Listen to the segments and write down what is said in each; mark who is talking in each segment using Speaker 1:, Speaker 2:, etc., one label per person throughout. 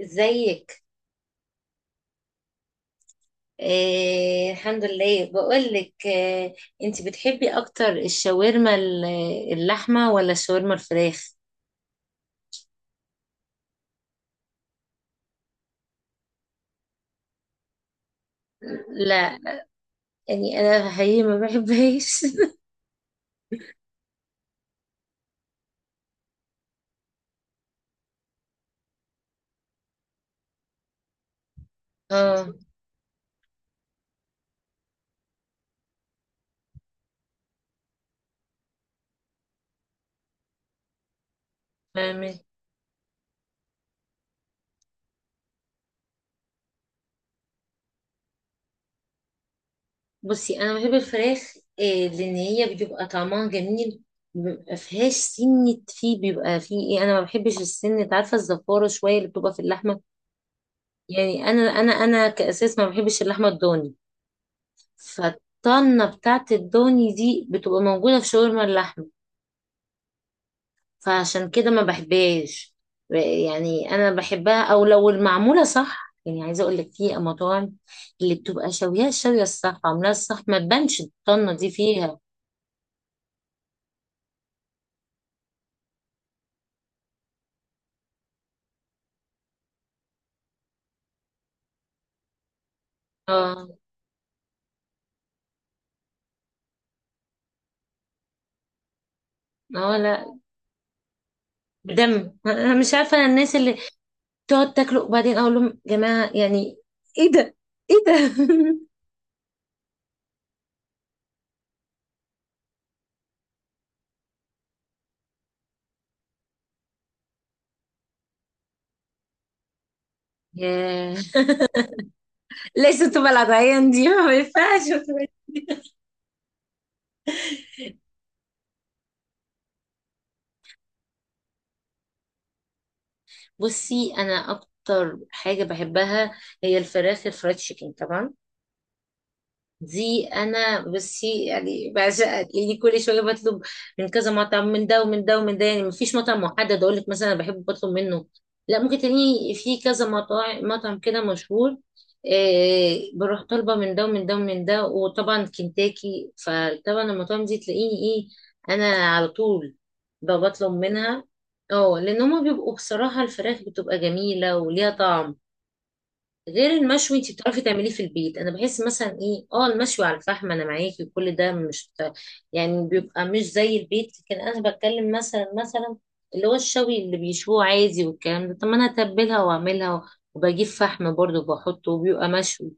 Speaker 1: ازيك؟ آه، الحمد لله. بقولك انت بتحبي اكتر، الشاورما اللحمه ولا الشاورما الفراخ؟ لا، يعني انا حقيقي ما بحبهاش. اه، فاهمة. بصي انا بحب الفراخ. آه، لان هي بيبقى طعمها جميل. بيبقى فيهاش سنة، فيه بيبقى فيه ايه، انا ما بحبش السنة، عارفة الزفارة شوية اللي بتبقى في اللحمة. يعني انا كاساس ما بحبش اللحمة الضاني، فالطنة بتاعت الضاني دي بتبقى موجودة في شاورما اللحمة. فعشان كده ما بحبهاش. يعني انا بحبها او لو المعمولة صح، يعني عايزة اقول لك في مطاعم اللي بتبقى شاويها الشوية الصح، عاملاها الصح، ما تبانش الطنة دي فيها. اه، اه، لا. بدم، انا مش عارفة. أنا الناس اللي تقعد تاكله وبعدين اقول لهم جماعة يعني ايه ده؟ ايه ده؟ ياه، ليست بلد عيان دي، ما ينفعش. بصي انا اكتر حاجه بحبها هي الفراخ الفرايد تشيكن طبعا. دي انا بصي يعني بعشقها، لاني كل شويه بطلب من كذا مطعم، من ده ومن ده ومن ده. يعني مفيش مطعم محدد اقول لك مثلا انا بحب بطلب منه، لا، ممكن تلاقيني في كذا مطاعم، مطعم كده مشهور. إيه، بروح طالبه من ده ومن ده ومن ده، وطبعا كنتاكي، فطبعا المطاعم دي تلاقيني ايه، انا على طول بطلب منها. اه، لان هما بيبقوا بصراحه الفراخ بتبقى جميله وليها طعم غير المشوي. انت بتعرفي تعمليه في البيت. انا بحس مثلا ايه، اه، المشوي على الفحم انا معاكي، وكل ده مش يعني بيبقى مش زي البيت. لكن انا بتكلم مثلا اللي هو الشوي اللي بيشوه عادي والكلام ده. طب ما انا اتبلها واعملها وبجيب فحم برضه وبحطه وبيبقى مشوي.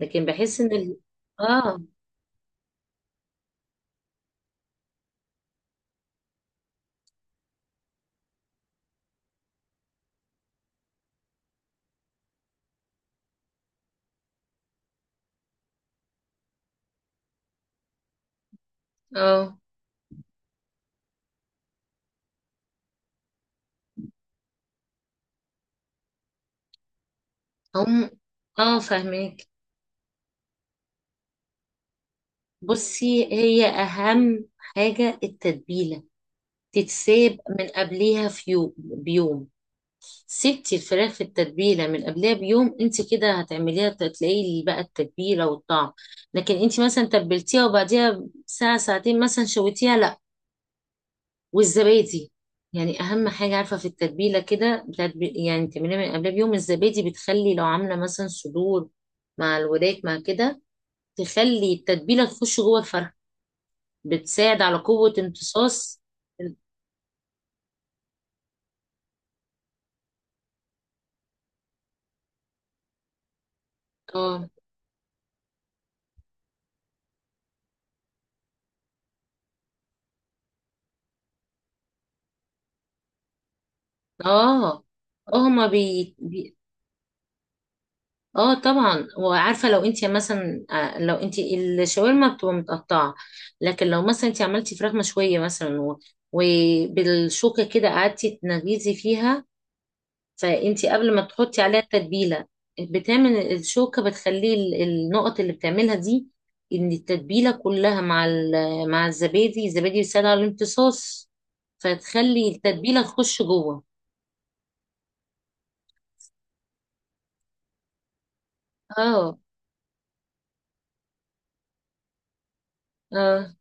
Speaker 1: لكن بحس ان ال... اه، اه، هم، اه، فاهمك. بصي هي اهم حاجة التتبيلة، تتساب من قبليها في يوم بيوم. سبتي الفراخ في التتبيله من قبلها بيوم، انت كده هتعمليها، تلاقي بقى التتبيله والطعم. لكن انت مثلا تبلتيها وبعديها ساعه ساعتين مثلا شويتيها، لا. والزبادي، يعني اهم حاجه عارفه في التتبيله كده يعني تعمليها من قبلها بيوم، الزبادي بتخلي لو عامله مثلا صدور مع الوراك مع كده، تخلي التتبيله تخش جوه الفرخه، بتساعد على قوه امتصاص ال- اه، اه، اه، هما اه، طبعا. وعارفه لو انت مثلا آه، لو انت الشاورما بتبقى متقطعه. لكن لو مثلا انت عملتي فراخ مشويه مثلا وبالشوكه كده قعدتي تنغيزي فيها، فانت قبل ما تحطي عليها التتبيله بتعمل الشوكه، بتخلي النقط اللي بتعملها دي ان التتبيله كلها مع مع الزبادي، الزبادي بيساعد على الامتصاص، فتخلي التتبيله تخش جوه. اه، اه،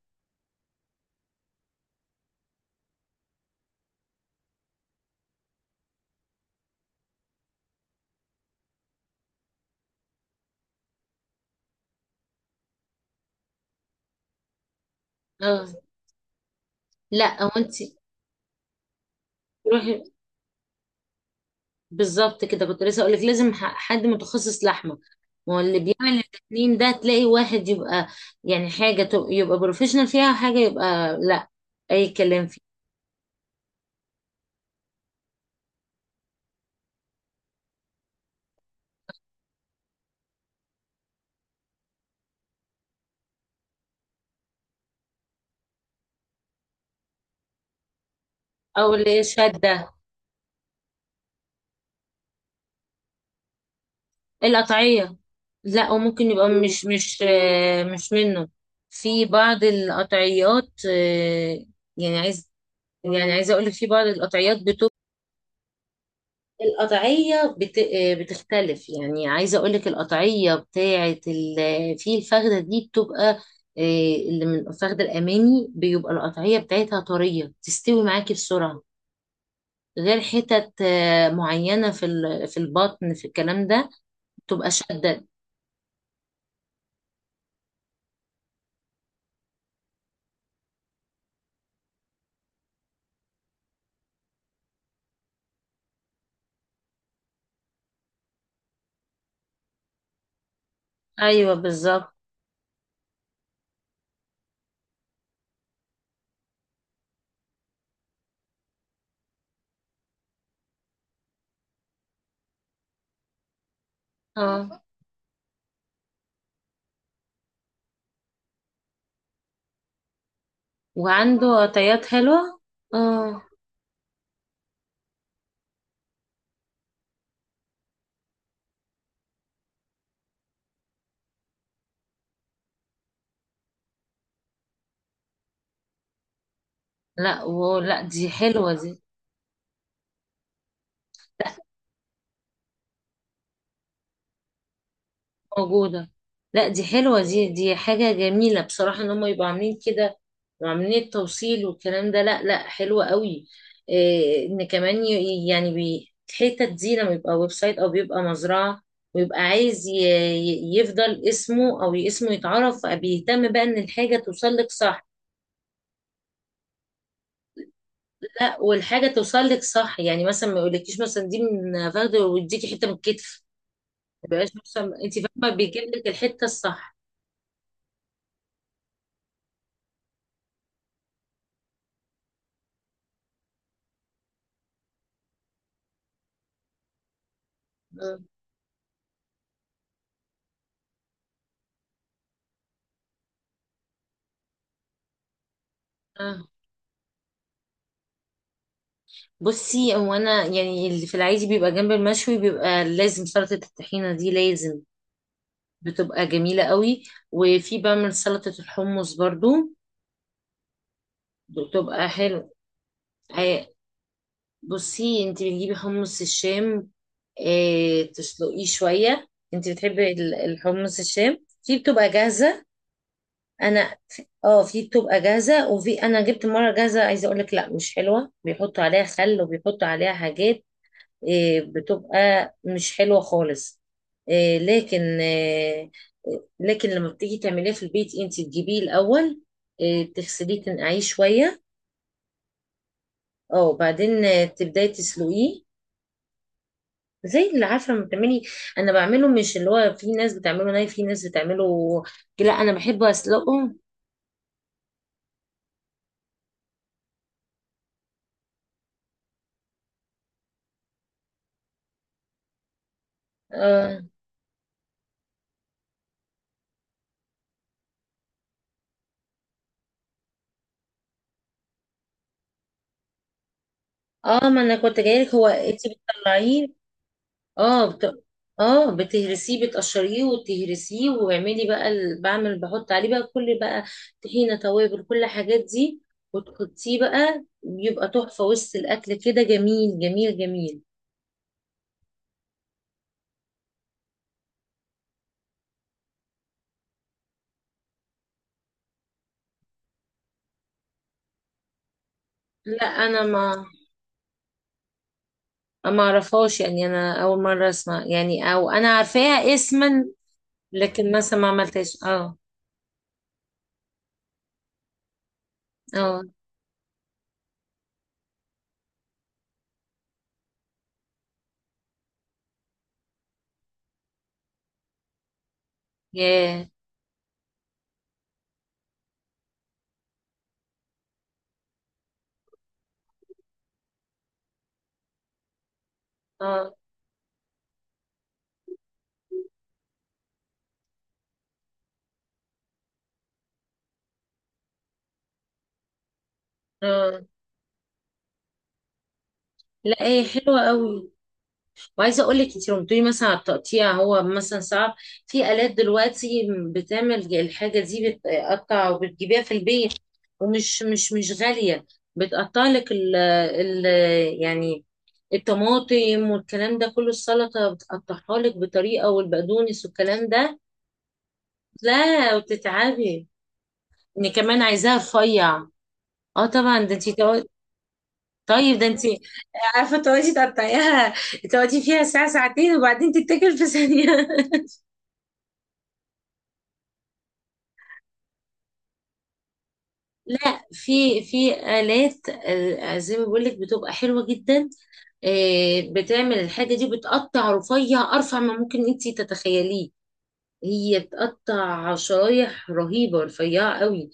Speaker 1: اه، لا هو انت، روحي. بالظبط كده، كنت لسه اقول لك لازم حد متخصص لحمه. ما هو اللي بيعمل التكليم ده تلاقي واحد يبقى يعني حاجه يبقى بروفيشنال فيها، وحاجه يبقى لا، اي كلام فيه، او اللي شاده القطعيه. لا، وممكن يبقى مش منه. في بعض القطعيات آه، يعني يعني عايزه اقول لك في بعض القطعيات، القطعية بتختلف. يعني عايزة أقولك القطعية في الفخدة دي بتبقى آه، اللي من الفخدة الأمامي بيبقى القطعية بتاعتها طرية، تستوي معاكي بسرعة. غير حتت آه، معينة في البطن في الكلام ده بتبقى شدة. أيوة، بالظبط. اه، وعنده قطعيات حلوة. اه، لا، ولا دي حلوة دي، موجودة. لا، دي حلوة دي، دي حاجة جميلة بصراحة، ان هم يبقوا عاملين كده وعاملين التوصيل والكلام ده. لا لا، حلوة قوي. إيه، ان كمان يعني الحتت دي لما يبقى ويب سايت او بيبقى مزرعة، ويبقى عايز يفضل اسمه او اسمه يتعرف، بيهتم بقى ان الحاجة توصل لك صح. لا، والحاجة توصل لك صح، يعني مثلا ما يقولكيش مثلا دي من فخد ويديكي حتة من الكتف، ما يبقاش مثلا، انت فاهمة، بيجيب لك الحتة الصح. آه. بصي هو انا يعني اللي في العادي بيبقى جنب المشوي بيبقى لازم سلطة الطحينة، دي لازم. بتبقى جميلة قوي. وفي بعمل سلطة الحمص برضو، بتبقى حلو. آه، بصي انت بتجيبي حمص الشام، آه، تسلقيه شوية. انت بتحبي الحمص الشام؟ في بتبقى جاهزة. انا، اه، في بتبقى جاهزة، وفي انا جبت مرة جاهزة، عايزة اقولك لا مش حلوة، بيحطوا عليها خل وبيحطوا عليها حاجات. إيه، بتبقى مش حلوة خالص. إيه، لكن إيه، لكن لما بتيجي تعمليه في البيت انت تجيبيه الأول، إيه، تغسليه تنقعيه شوية. اه، وبعدين آه، تبداي تسلقيه، زي اللي عارفة لما بتعملي. أنا بعمله مش اللي هو في ناس بتعمله ناي، في ناس بتعمله، لا، أنا بحبه أسلقه. اه، آه، ما أنا كنت جايلك. هو انت بتطلعيه، اه، اه، بتهرسيه، بتقشريه وتهرسيه، واعملي بعمل بحط عليه بقى، كل بقى طحينة توابل كل الحاجات دي، وتحطيه بقى بيبقى تحفة وسط الأكل. كده جميل جميل جميل. لا، أنا ما أعرفهاش، يعني أنا أول مرة أسمع، يعني أو أنا عارفاها اسما، لكن مثلا ما عملتهاش. اه، اه، ياه، اه، اه، لا هي حلوة قوي. وعايزه اقول لك، انت لما بتقولي مثلا على التقطيع هو مثلا صعب، في الات دلوقتي بتعمل الحاجه دي بتقطع، وبتجيبيها في البيت ومش مش غاليه. بتقطع لك ال ال، يعني الطماطم والكلام ده كله السلطه بتقطعها لك بطريقه، والبقدونس والكلام ده. لا، وبتتعبي، ان كمان عايزاها رفيع. اه طبعا، ده انت طيب ده انت عارفه تقعدي تقطعيها، تقعدي فيها ساعه ساعتين وبعدين تتاكل في ثانيه. لا، في في آلات آه، زي ما بقول لك بتبقى حلوة جدا. آه، بتعمل الحاجة دي بتقطع رفيع، أرفع ما ممكن أنت تتخيليه. هي بتقطع شرايح رهيبة رفيعة قوي.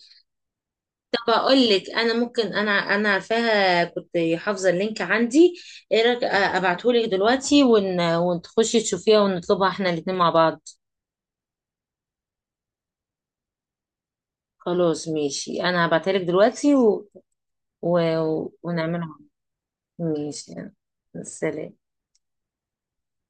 Speaker 1: طب أقول لك، أنا ممكن، أنا عارفاها، كنت حافظة اللينك عندي. إيه رأيك آه، أبعتهولك دلوقتي ون، وتخشي تشوفيها ونطلبها إحنا الاتنين مع بعض. خلاص ماشي، أنا هبعتها لك دلوقتي و... و... ونعملها. ماشي. سلام.